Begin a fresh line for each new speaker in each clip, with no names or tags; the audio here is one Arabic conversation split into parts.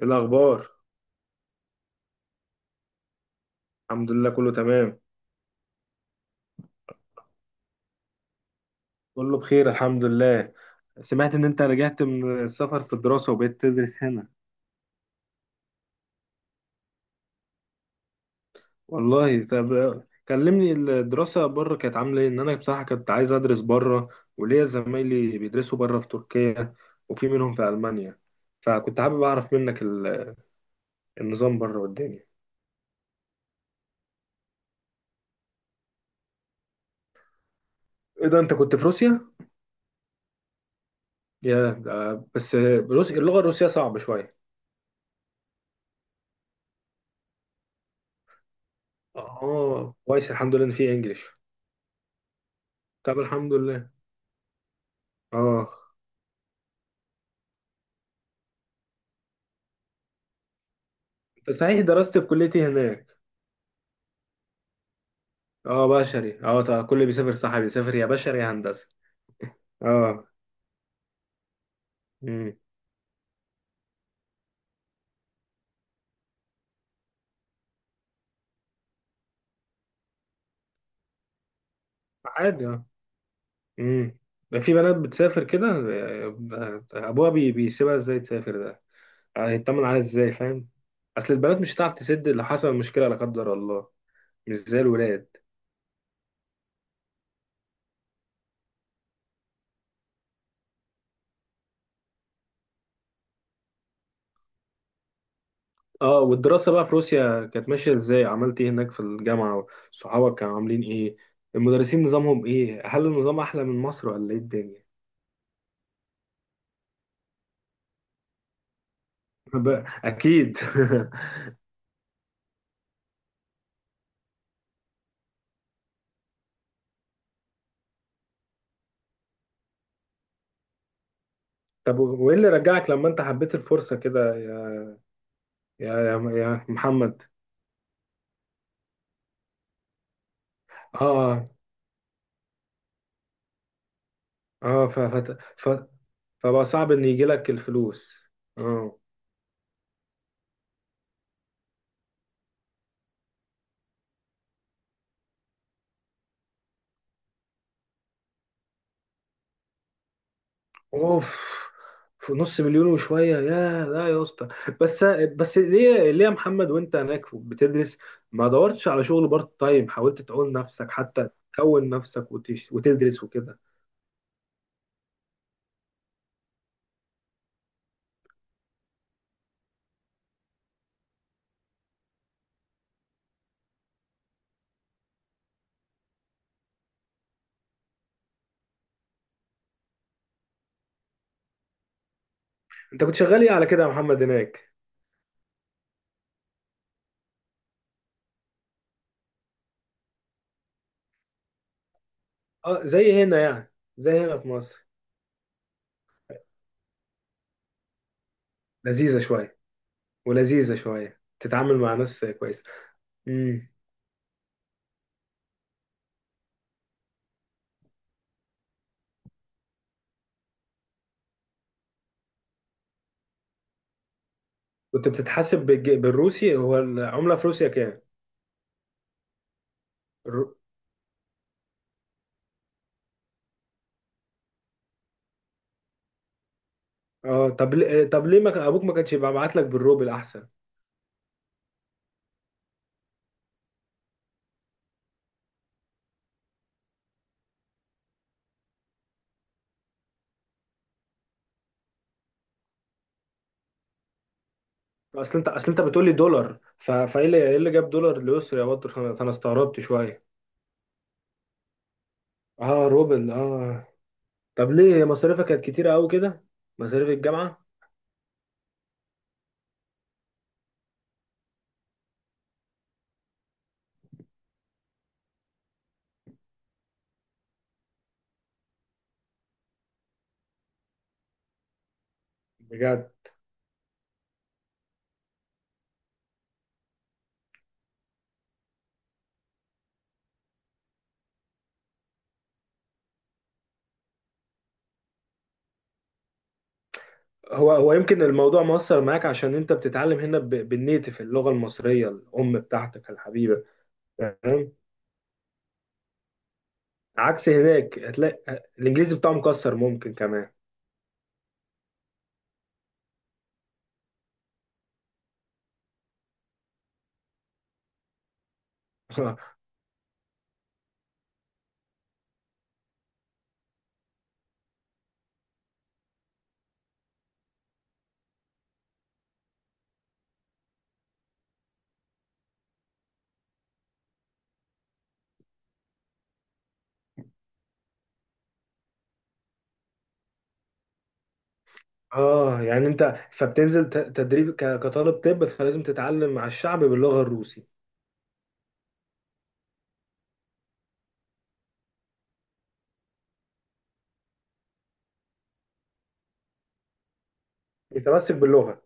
ايه الاخبار؟ الحمد لله، كله تمام. كله بخير، الحمد لله. سمعت ان انت رجعت من السفر في الدراسة وبقيت تدرس هنا. والله، طب. كلمني، الدراسة بره كانت عاملة ايه؟ ان انا بصراحة كنت عايز ادرس بره، وليا زمايلي بيدرسوا بره في تركيا، وفي منهم في المانيا، فكنت حابب اعرف منك النظام بره والدنيا. ايه ده، انت كنت في روسيا؟ بس، روسيا، اللغة الروسية صعبة شوية. اه، كويس، الحمد لله ان في انجليش. طب، الحمد لله. اه. صحيح، دراستي في كليتي هناك؟ اه، بشري. اه، طبعا كل اللي بيسافر صح بيسافر يا بشري يا هندسه. اه. امم. عادي. اه. امم. ده في بنات بتسافر كده، ابوها بيسيبها ازاي تسافر ده؟ هيطمن عليها ازاي، فاهم؟ اصل البنات مش هتعرف تسد، اللي حصل مشكله لا قدر الله. مش زي الولاد. اه، والدراسه بقى في روسيا كانت ماشيه ازاي؟ عملت ايه هناك في الجامعه؟ صحابك كانوا عاملين ايه؟ المدرسين نظامهم ايه؟ هل النظام احلى من مصر ولا ايه الدنيا؟ اكيد. طب، وايه اللي رجعك لما انت حبيت الفرصة كده، يا محمد؟ اه، اه، ف ف ف فبقى صعب ان يجي لك الفلوس. اه، اوف! في نص مليون وشوية، يا لا يا اسطى! بس بس ليه يا محمد وانت هناك بتدرس، ما دورتش على شغل بارت تايم؟ حاولت تعول نفسك حتى تكون نفسك وتدرس وكده؟ انت كنت شغال ايه على كده يا محمد هناك؟ اه، زي هنا يعني، زي هنا في مصر. لذيذة شوية. ولذيذة شوية، تتعامل مع ناس كويسة. امم. كنت بتتحاسب بالروسي؟ هو العملة في روسيا كام؟ الر- اه، طب ليه ما كان- ابوك ما كانش يبقى بعت لك بالروبل احسن؟ اصل انت بتقول لي دولار، ف... فايه اللي ايه اللي جاب دولار لأسر يا بطل، فأنا استغربت شوية. اه، روبل، اه. طب ليه مصاريفك كانت كتيرة قوي كده؟ مصاريف الجامعة؟ بجد؟ هو يمكن الموضوع مؤثر معاك عشان انت بتتعلم هنا بالنيتف، اللغة المصرية الأم بتاعتك الحبيبة. عكس هناك، هتلاقي الانجليزي بتاعه مكسر ممكن كمان. اه يعني انت فبتنزل تدريب كطالب طب، فلازم تتعلم مع الشعب باللغه الروسي. متمسك باللغه.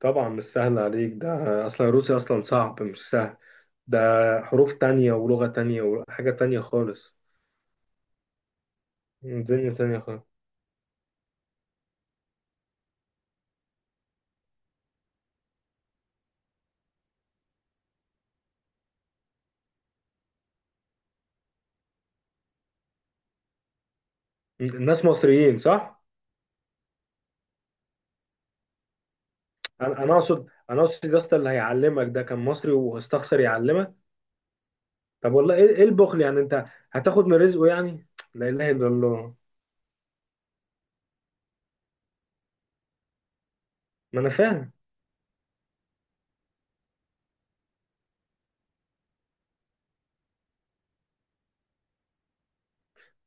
طبعا مش سهل عليك، ده اصلا الروسي اصلا صعب مش سهل. ده حروف تانية ولغه تانية وحاجه تانية خالص. دنيا تانية خالص. الناس مصريين صح؟ انا اقصد يا اسطى، اللي هيعلمك ده كان مصري واستخسر يعلمك. طب والله إيه البخل يعني؟ انت هتاخد من رزقه يعني؟ لا اله الا الله. ما انا فاهم.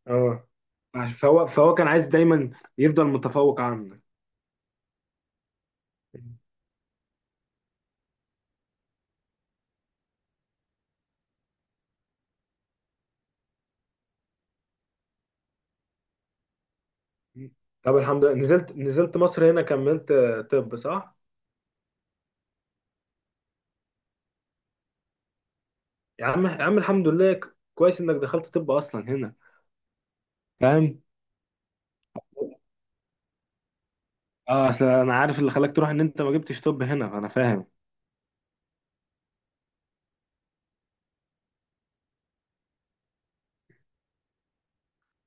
اه، فهو كان عايز دايما يفضل متفوق عنك. طب الحمد لله، نزلت مصر هنا كملت، طب صح؟ يا عم يا عم الحمد لله، كويس انك دخلت طب اصلا هنا. فاهم؟ اه، اصل انا عارف اللي خلاك تروح ان انت ما جبتش طب هنا، انا فاهم.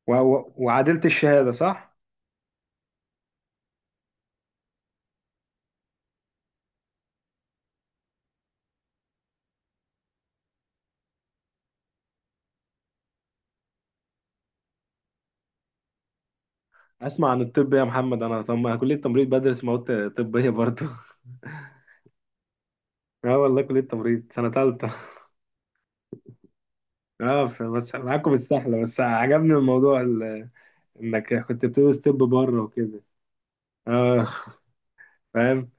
وعدلت الشهاده صح؟ اسمع عن الطب يا محمد، انا طب كليه تمريض، بدرس مواد طبيه برضه. اه والله، كلية تمريض سنة تالتة. اه، بس معاكم السحلة، بس عجبني الموضوع، انك كنت بتدوس ستيب بره وكده. اه. فاهم؟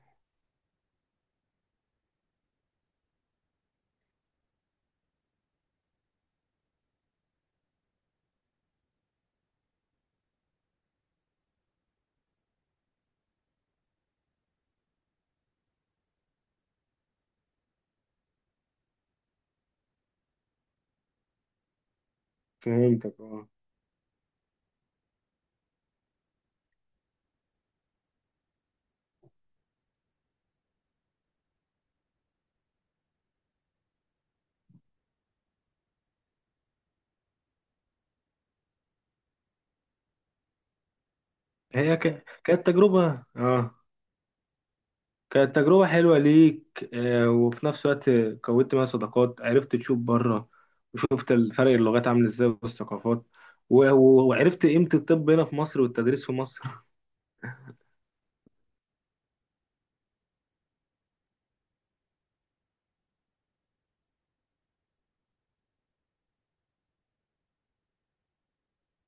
فهمتك، اه. هي كانت تجربة، اه. كانت تجربة حلوة ليك، وفي نفس الوقت كونت منها صداقات، عرفت تشوف بره، وشفت الفرق اللغات عامل ازاي والثقافات، وعرفت قيمة الطب هنا في مصر والتدريس في مصر.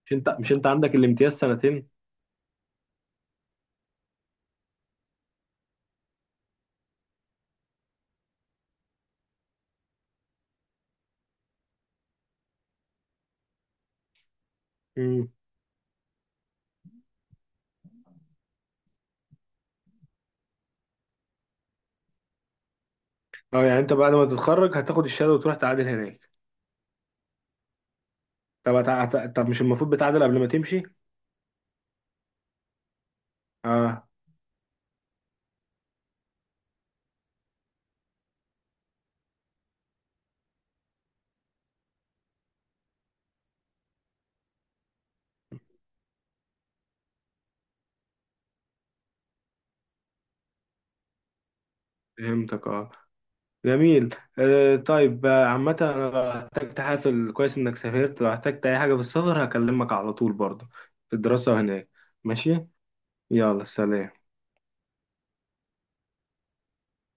مش انت عندك الامتياز سنتين؟ مم. اه يعني انت بعد ما تتخرج هتاخد الشهادة وتروح تعادل هناك؟ طب مش المفروض بتعادل قبل ما تمشي؟ اه، فهمتك، اه. جميل. طيب، عامة أنا لو احتجت حافل، كويس إنك سافرت، لو احتجت أي حاجة في السفر هكلمك على طول برضه في الدراسة وهناك. ماشي. يلا، سلام.